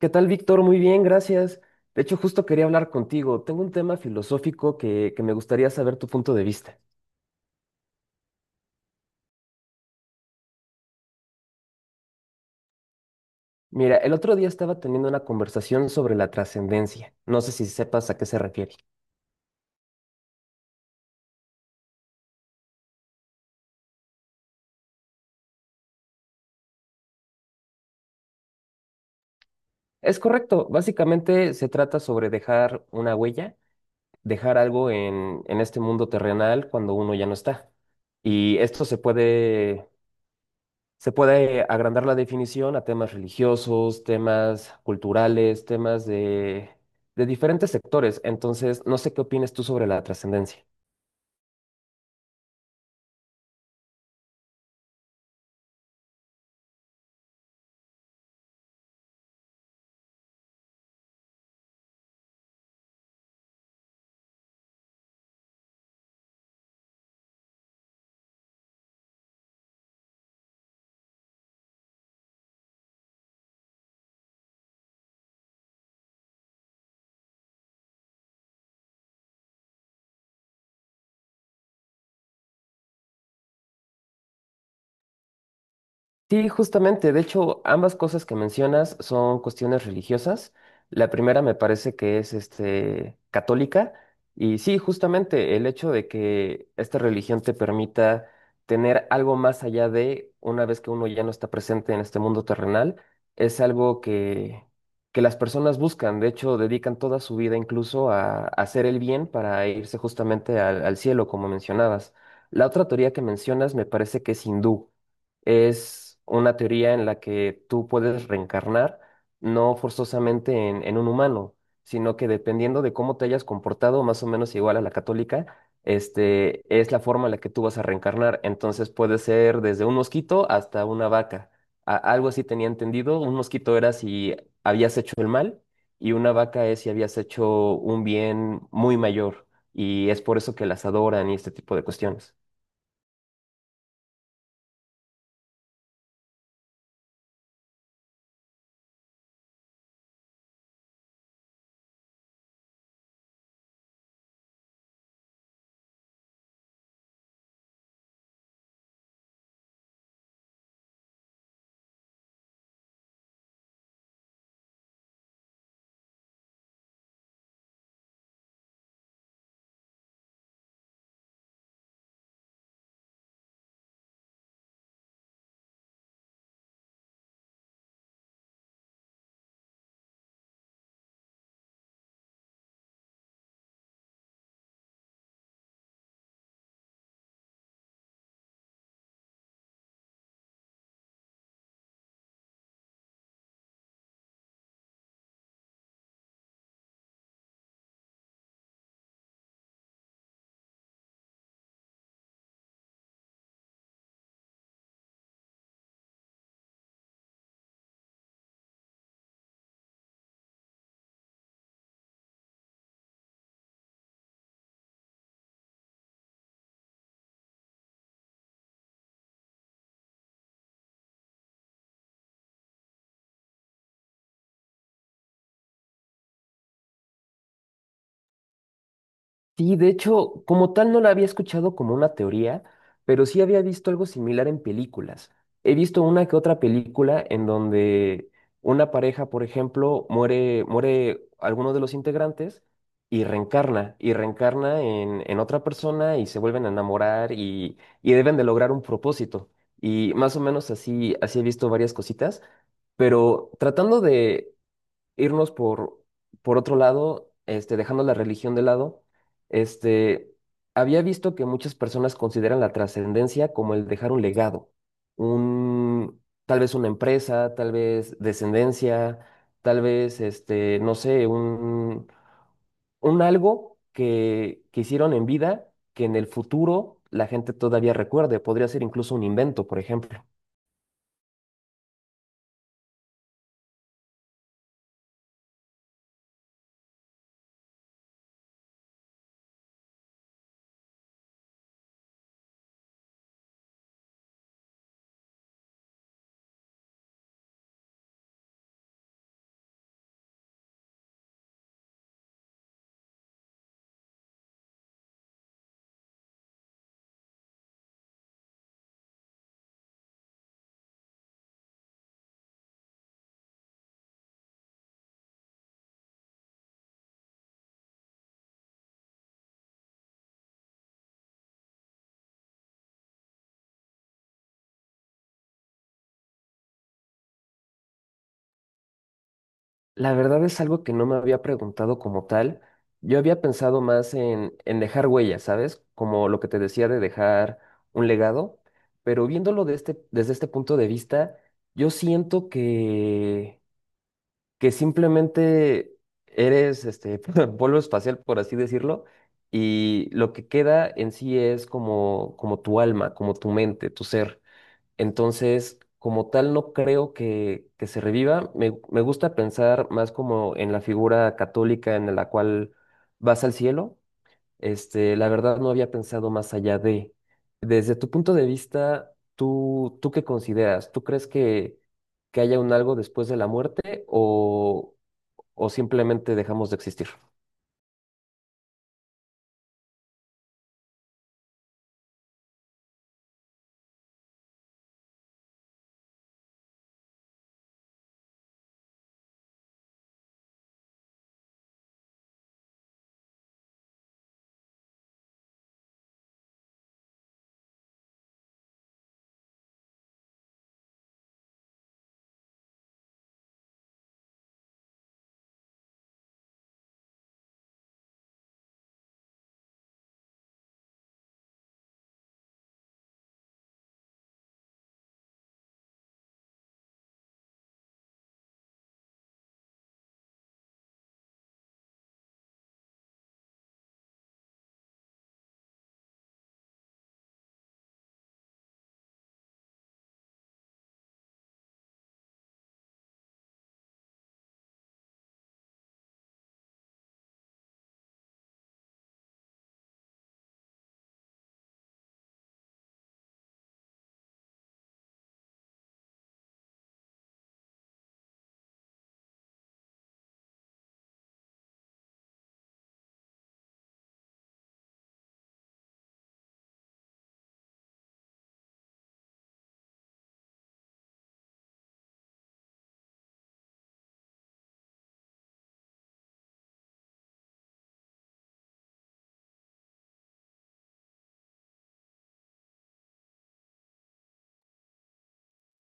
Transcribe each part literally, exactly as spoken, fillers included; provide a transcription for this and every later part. ¿Qué tal, Víctor? Muy bien, gracias. De hecho, justo quería hablar contigo. Tengo un tema filosófico que, que me gustaría saber tu punto de vista. Mira, el otro día estaba teniendo una conversación sobre la trascendencia. No sé si sepas a qué se refiere. Es correcto, básicamente se trata sobre dejar una huella, dejar algo en, en este mundo terrenal cuando uno ya no está. Y esto se puede Se puede agrandar la definición a temas religiosos, temas culturales, temas de, de diferentes sectores. Entonces, no sé qué opinas tú sobre la trascendencia. Sí, justamente. De hecho, ambas cosas que mencionas son cuestiones religiosas. La primera me parece que es este, católica. Y sí, justamente el hecho de que esta religión te permita tener algo más allá de una vez que uno ya no está presente en este mundo terrenal, es algo que, que las personas buscan. De hecho, dedican toda su vida incluso a, a hacer el bien para irse justamente al al cielo, como mencionabas. La otra teoría que mencionas me parece que es hindú, es una teoría en la que tú puedes reencarnar, no forzosamente en, en un humano, sino que dependiendo de cómo te hayas comportado, más o menos igual a la católica, este, es la forma en la que tú vas a reencarnar. Entonces puede ser desde un mosquito hasta una vaca. A- algo así tenía entendido. Un mosquito era si habías hecho el mal y una vaca es si habías hecho un bien muy mayor. Y es por eso que las adoran y este tipo de cuestiones. Sí, de hecho, como tal no la había escuchado como una teoría, pero sí había visto algo similar en películas. He visto una que otra película en donde una pareja, por ejemplo, muere, muere alguno de los integrantes y reencarna, y reencarna en, en otra persona y se vuelven a enamorar y, y deben de lograr un propósito. Y más o menos así, así he visto varias cositas, pero tratando irnos por, por otro lado, este, dejando la religión de lado, este, había visto que muchas personas consideran la trascendencia como el dejar un legado, un, tal vez una empresa, tal vez descendencia, tal vez, este, no sé, un, un algo que, que hicieron en vida que en el futuro la gente todavía recuerde. Podría ser incluso un invento, por ejemplo. La verdad es algo que no me había preguntado como tal. Yo había pensado más en, en dejar huellas, ¿sabes? Como lo que te decía de dejar un legado, pero viéndolo de este- desde este punto de vista, yo siento que, que simplemente eres este polvo espacial, por así decirlo, y lo que queda en sí es como, como tu alma, como tu mente, tu ser. Entonces, como tal, no creo que, que se reviva. Me, me gusta pensar más como en la figura católica en la cual vas al cielo. Este, la verdad no había pensado más allá de. Desde tu punto de vista, ¿tú, tú qué consideras? ¿Tú crees que, que haya un algo después de la muerte o, o simplemente dejamos de existir?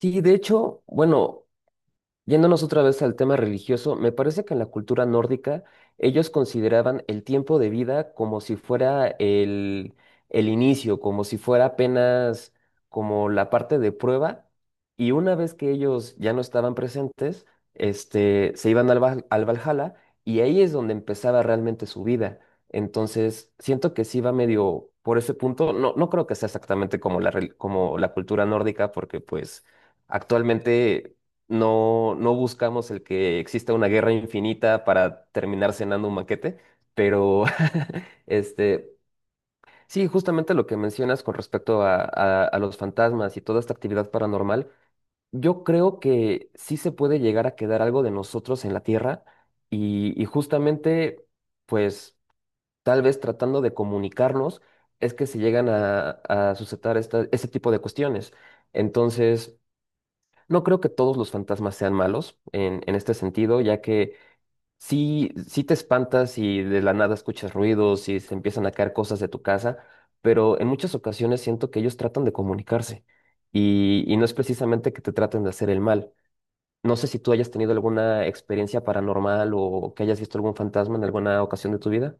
Sí, de hecho, bueno. Yéndonos otra vez al tema religioso, me parece que en la cultura nórdica ellos consideraban el tiempo de vida como si fuera el, el inicio, como si fuera apenas como la parte de prueba, y una vez que ellos ya no estaban presentes, este, se iban al, Val- al Valhalla y ahí es donde empezaba realmente su vida. Entonces, siento que sí va medio por ese punto. No, no creo que sea exactamente como la, rel- como la cultura nórdica, porque pues... Actualmente no, no buscamos el que exista una guerra infinita para terminar cenando un banquete, pero este, sí, justamente lo que mencionas con respecto a, a- a los fantasmas y toda esta actividad paranormal, yo creo que sí se puede llegar a quedar algo de nosotros en la Tierra y, y justamente, pues, tal vez tratando de comunicarnos es que se llegan a, a suscitar esta- este tipo de cuestiones. Entonces... No creo que todos los fantasmas sean malos en, en este sentido, ya que sí, sí te espantas y de la nada escuchas ruidos y se empiezan a caer cosas de tu casa, pero en muchas ocasiones siento que ellos tratan de comunicarse y, y no es precisamente que te traten de hacer el mal. No sé si tú hayas tenido alguna experiencia paranormal o que hayas visto algún fantasma en alguna ocasión de tu vida.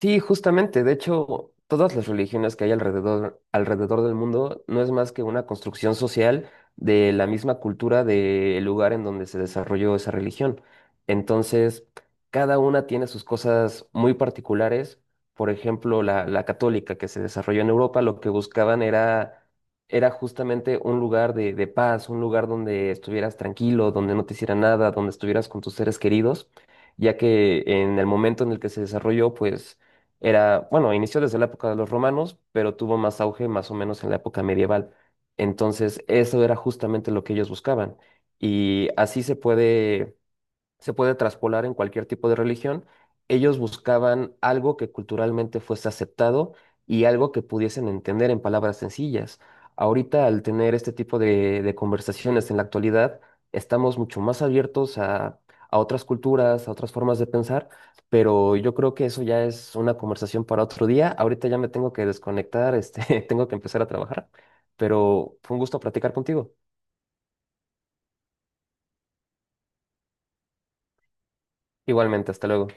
Sí, justamente. De hecho, todas las religiones que hay alrededor, alrededor del mundo no es más que una construcción social de la misma cultura del lugar en donde se desarrolló esa religión. Entonces, cada una tiene sus cosas muy particulares. Por ejemplo, la, la católica que se desarrolló en Europa, lo que buscaban era, era justamente un lugar de, de paz, un lugar donde estuvieras tranquilo, donde no te hiciera nada, donde estuvieras con tus seres queridos, ya que en el momento en el que se desarrolló, pues era, bueno, inició desde la época de los romanos, pero tuvo más auge más o menos en la época medieval. Entonces, eso era justamente lo que ellos buscaban. Y así se puede Se puede traspolar en cualquier tipo de religión. Ellos buscaban algo que culturalmente fuese aceptado y algo que pudiesen entender en palabras sencillas. Ahorita, al tener este tipo de, de conversaciones en la actualidad, estamos mucho más abiertos a, a otras culturas, a otras formas de pensar, pero yo creo que eso ya es una conversación para otro día. Ahorita ya me tengo que desconectar, este, tengo que empezar a trabajar, pero fue un gusto platicar contigo. Igualmente, hasta luego.